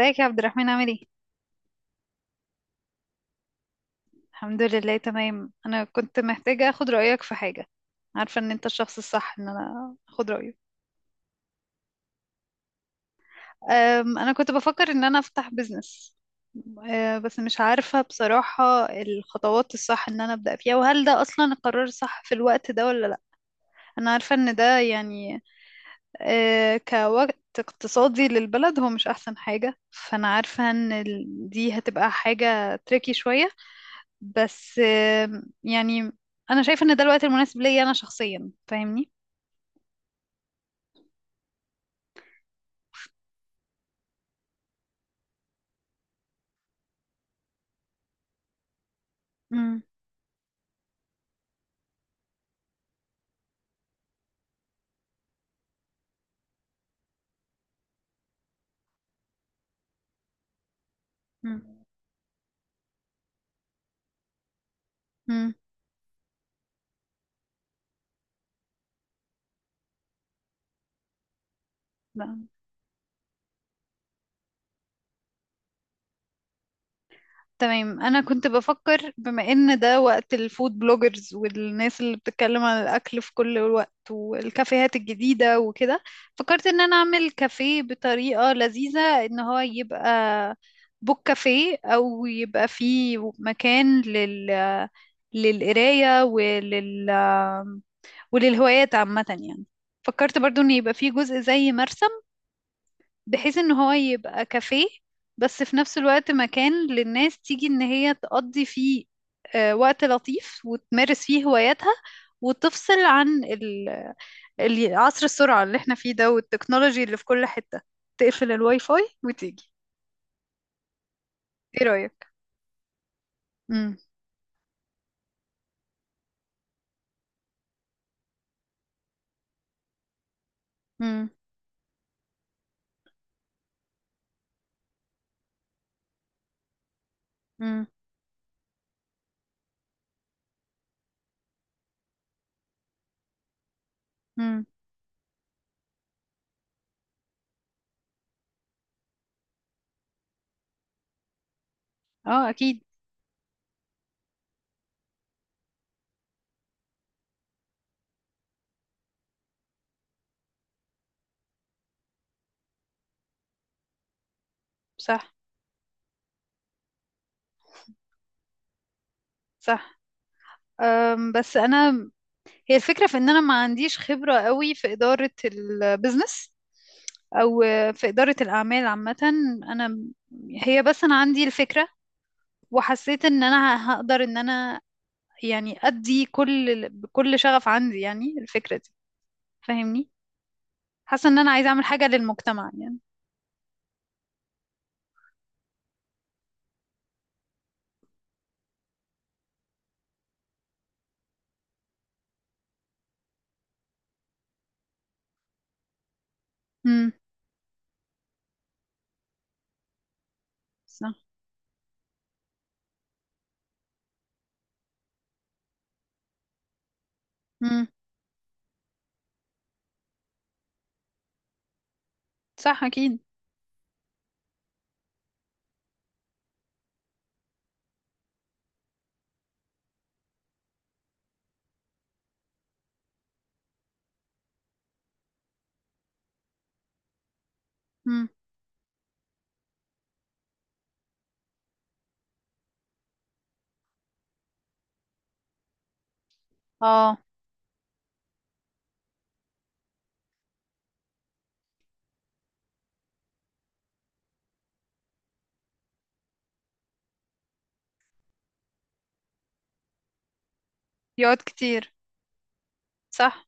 ازيك يا عبد الرحمن عامل ايه؟ الحمد لله، تمام. انا كنت محتاجة اخد رأيك في حاجة. عارفة ان انت الشخص الصح ان انا اخد رأيه. انا كنت بفكر ان انا افتح بيزنس. بس مش عارفة بصراحة الخطوات الصح ان انا ابدأ فيها، وهل ده اصلا القرار الصح في الوقت ده ولا لا. انا عارفة ان ده يعني كوقت اقتصادي للبلد هو مش احسن حاجة، فانا عارفة ان دي هتبقى حاجة تريكي شوية. بس يعني انا شايفه ان ده الوقت المناسب ليا انا شخصيا، فاهمني؟ امم. امم. امم. لا. تمام، انا كنت بفكر بما ان ده وقت الفود بلوجرز والناس اللي بتتكلم عن الاكل في كل الوقت والكافيهات الجديده وكده، فكرت ان انا اعمل كافيه بطريقه لذيذه، ان هو يبقى بوك كافيه او يبقى فيه مكان لل للقرايه وللهوايات عامة يعني. فكرت برضو ان يبقى فيه جزء زي مرسم، بحيث ان هو يبقى كافيه بس في نفس الوقت مكان للناس تيجي ان هي تقضي فيه وقت لطيف وتمارس فيه هواياتها، وتفصل عن عصر السرعة اللي احنا فيه ده والتكنولوجي اللي في كل حتة، تقفل الواي فاي وتيجي. ايه رأيك؟ مم. مم. مم. مم. اه اكيد. صح. صح. بس انا، هي الفكرة في ان انا ما عنديش خبرة قوي في ادارة البيزنس او في ادارة الاعمال عامة. انا هي بس انا عندي الفكرة، وحسيت ان انا هقدر ان انا يعني ادي كل بكل شغف عندي يعني الفكرة دي، فاهمني؟ حاسة ان انا عايزة اعمل حاجة للمجتمع يعني. امم. صح. امم. صح. اكيد. امم. اه. يقعد كتير. صح.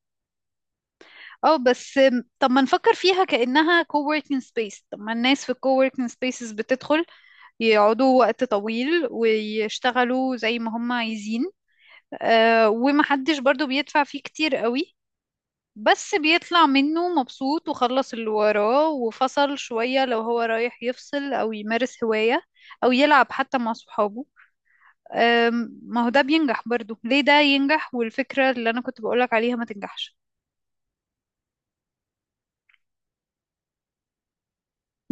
اه بس، طب ما نفكر فيها كأنها coworking space؟ طب ما الناس في coworking spaces بتدخل يقعدوا وقت طويل ويشتغلوا زي ما هم عايزين، ومحدش برضو بيدفع فيه كتير قوي، بس بيطلع منه مبسوط وخلص اللي وراه وفصل شوية لو هو رايح يفصل أو يمارس هواية أو يلعب حتى مع صحابه. ما هو ده بينجح برضو، ليه ده ينجح والفكرة اللي أنا كنت بقولك عليها ما تنجحش؟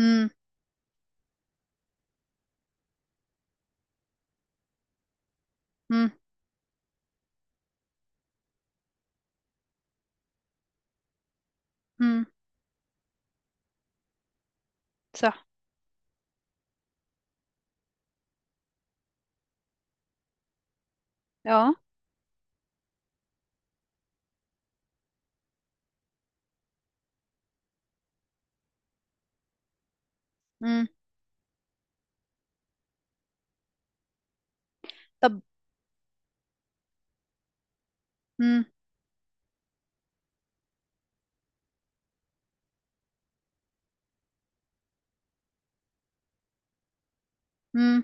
مم. مم. مم. صح. اه. مم. طب. مم. مم.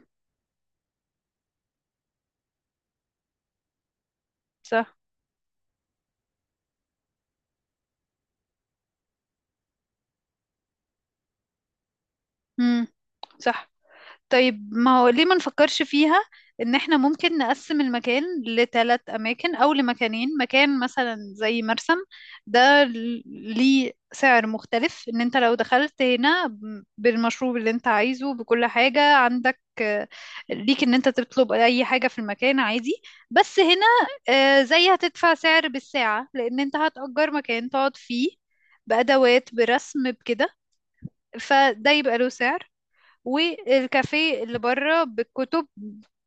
صح. مم. صح. طيب، ما هو ليه ما نفكرش فيها ان احنا ممكن نقسم المكان لثلاث اماكن او لمكانين. مكان مثلا زي مرسم، ده ليه سعر مختلف، ان انت لو دخلت هنا بالمشروب اللي انت عايزه بكل حاجة عندك، ليك ان انت تطلب اي حاجة في المكان عادي. بس هنا زي هتدفع سعر بالساعة، لان انت هتأجر مكان تقعد فيه بأدوات برسم بكده، فده يبقى له سعر. والكافيه اللي بره بالكتب،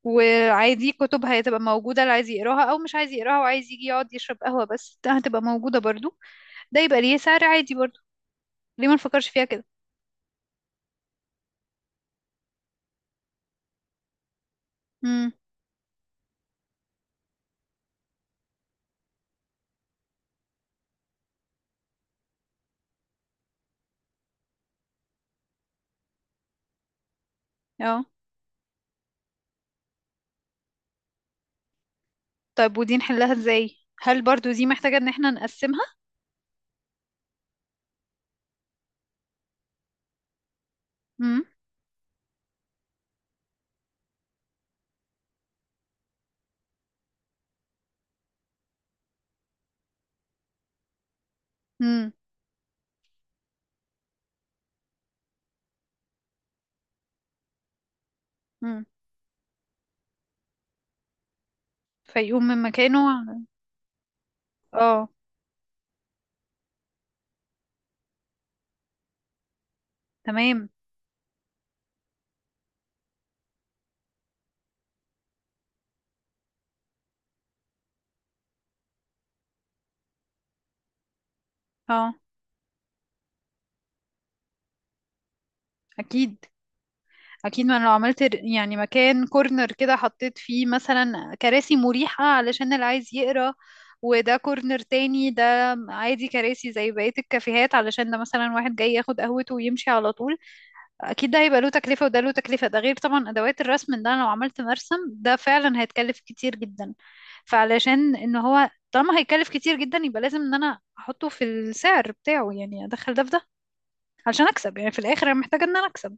وعادي كتب هتبقى موجودة اللي عايز يقراها أو مش عايز يقراها وعايز يجي يقعد يشرب قهوة بس ده هتبقى موجودة برضو، ده يبقى ليه سعر عادي برضو. ليه ما نفكرش فيها كده؟ امم. اه. طيب، ودي نحلها ازاي؟ هل برضو دي محتاجة ان احنا نقسمها؟ امم. امم. امم. فيقوم من مكانه. اه تمام. اه اكيد. اكيد، ما أنا لو عملت يعني مكان كورنر كده، حطيت فيه مثلا كراسي مريحة علشان اللي عايز يقرا، وده كورنر تاني ده عادي كراسي زي بقية الكافيهات، علشان ده مثلا واحد جاي ياخد قهوته ويمشي على طول. اكيد ده هيبقى له تكلفة وده له تكلفة، ده غير طبعا ادوات الرسم. ده أنا لو عملت مرسم ده فعلا هيتكلف كتير جدا، فعلشان ان هو طالما هيتكلف كتير جدا يبقى لازم ان انا احطه في السعر بتاعه يعني، ادخل ده في ده علشان اكسب، يعني في الاخر انا محتاجة ان انا اكسب.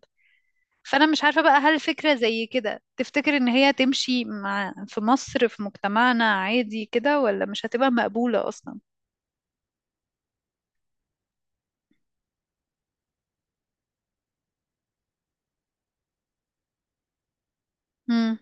فانا مش عارفة بقى، هل فكرة زي كده تفتكر ان هي تمشي مع في مصر في مجتمعنا عادي كده، ولا مش هتبقى مقبولة اصلا؟ امم.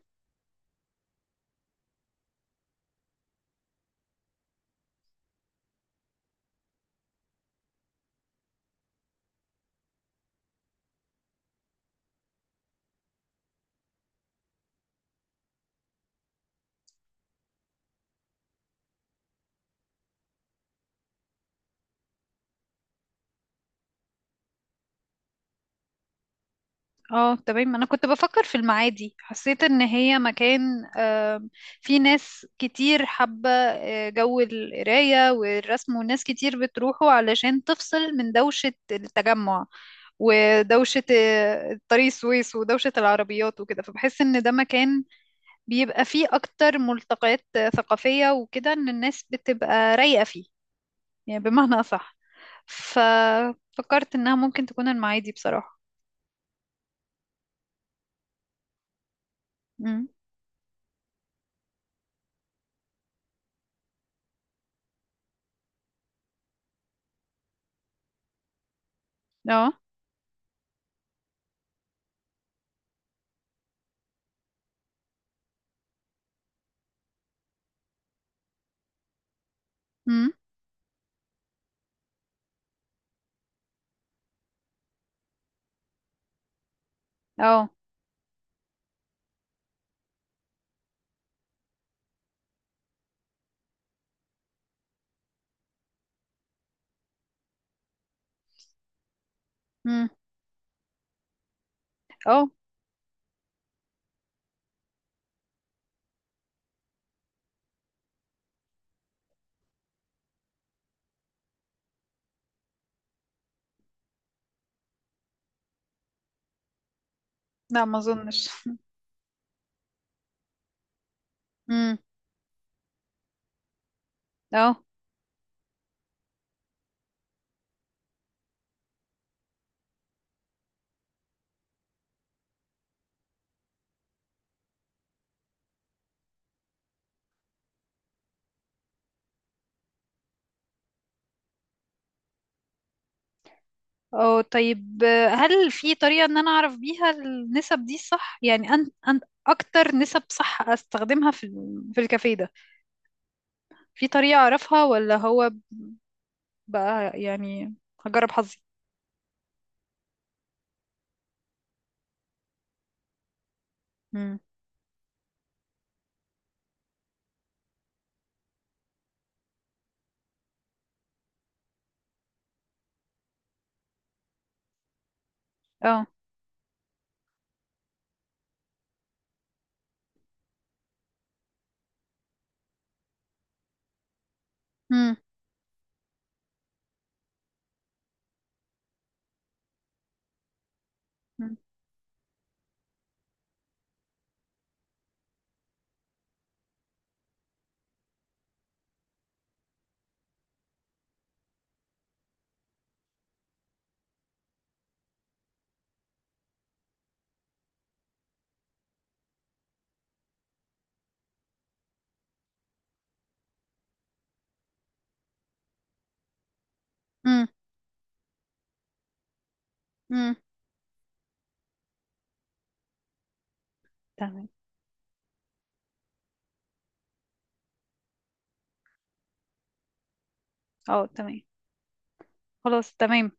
اه تمام، انا كنت بفكر في المعادي. حسيت ان هي مكان في ناس كتير حابة جو القراية والرسم، وناس كتير بتروحوا علشان تفصل من دوشة التجمع ودوشة طريق السويس ودوشة العربيات وكده. فبحس ان ده مكان بيبقى فيه أكتر ملتقيات ثقافية وكده، إن الناس بتبقى رايقة فيه، يعني بمعنى أصح. ففكرت إنها ممكن تكون المعادي بصراحة. امم. اه. امم. اه. امم. اه. لا ما أظنش. امم. اه. اه طيب، هل في طريقة إن أنا أعرف بيها النسب دي صح؟ يعني أن أكتر نسب صح أستخدمها في في الكافيه ده، في طريقة أعرفها ولا هو بقى يعني هجرب حظي؟ امم. اه. امم. امم. امم. تمام. اه تمام. خلاص تمام.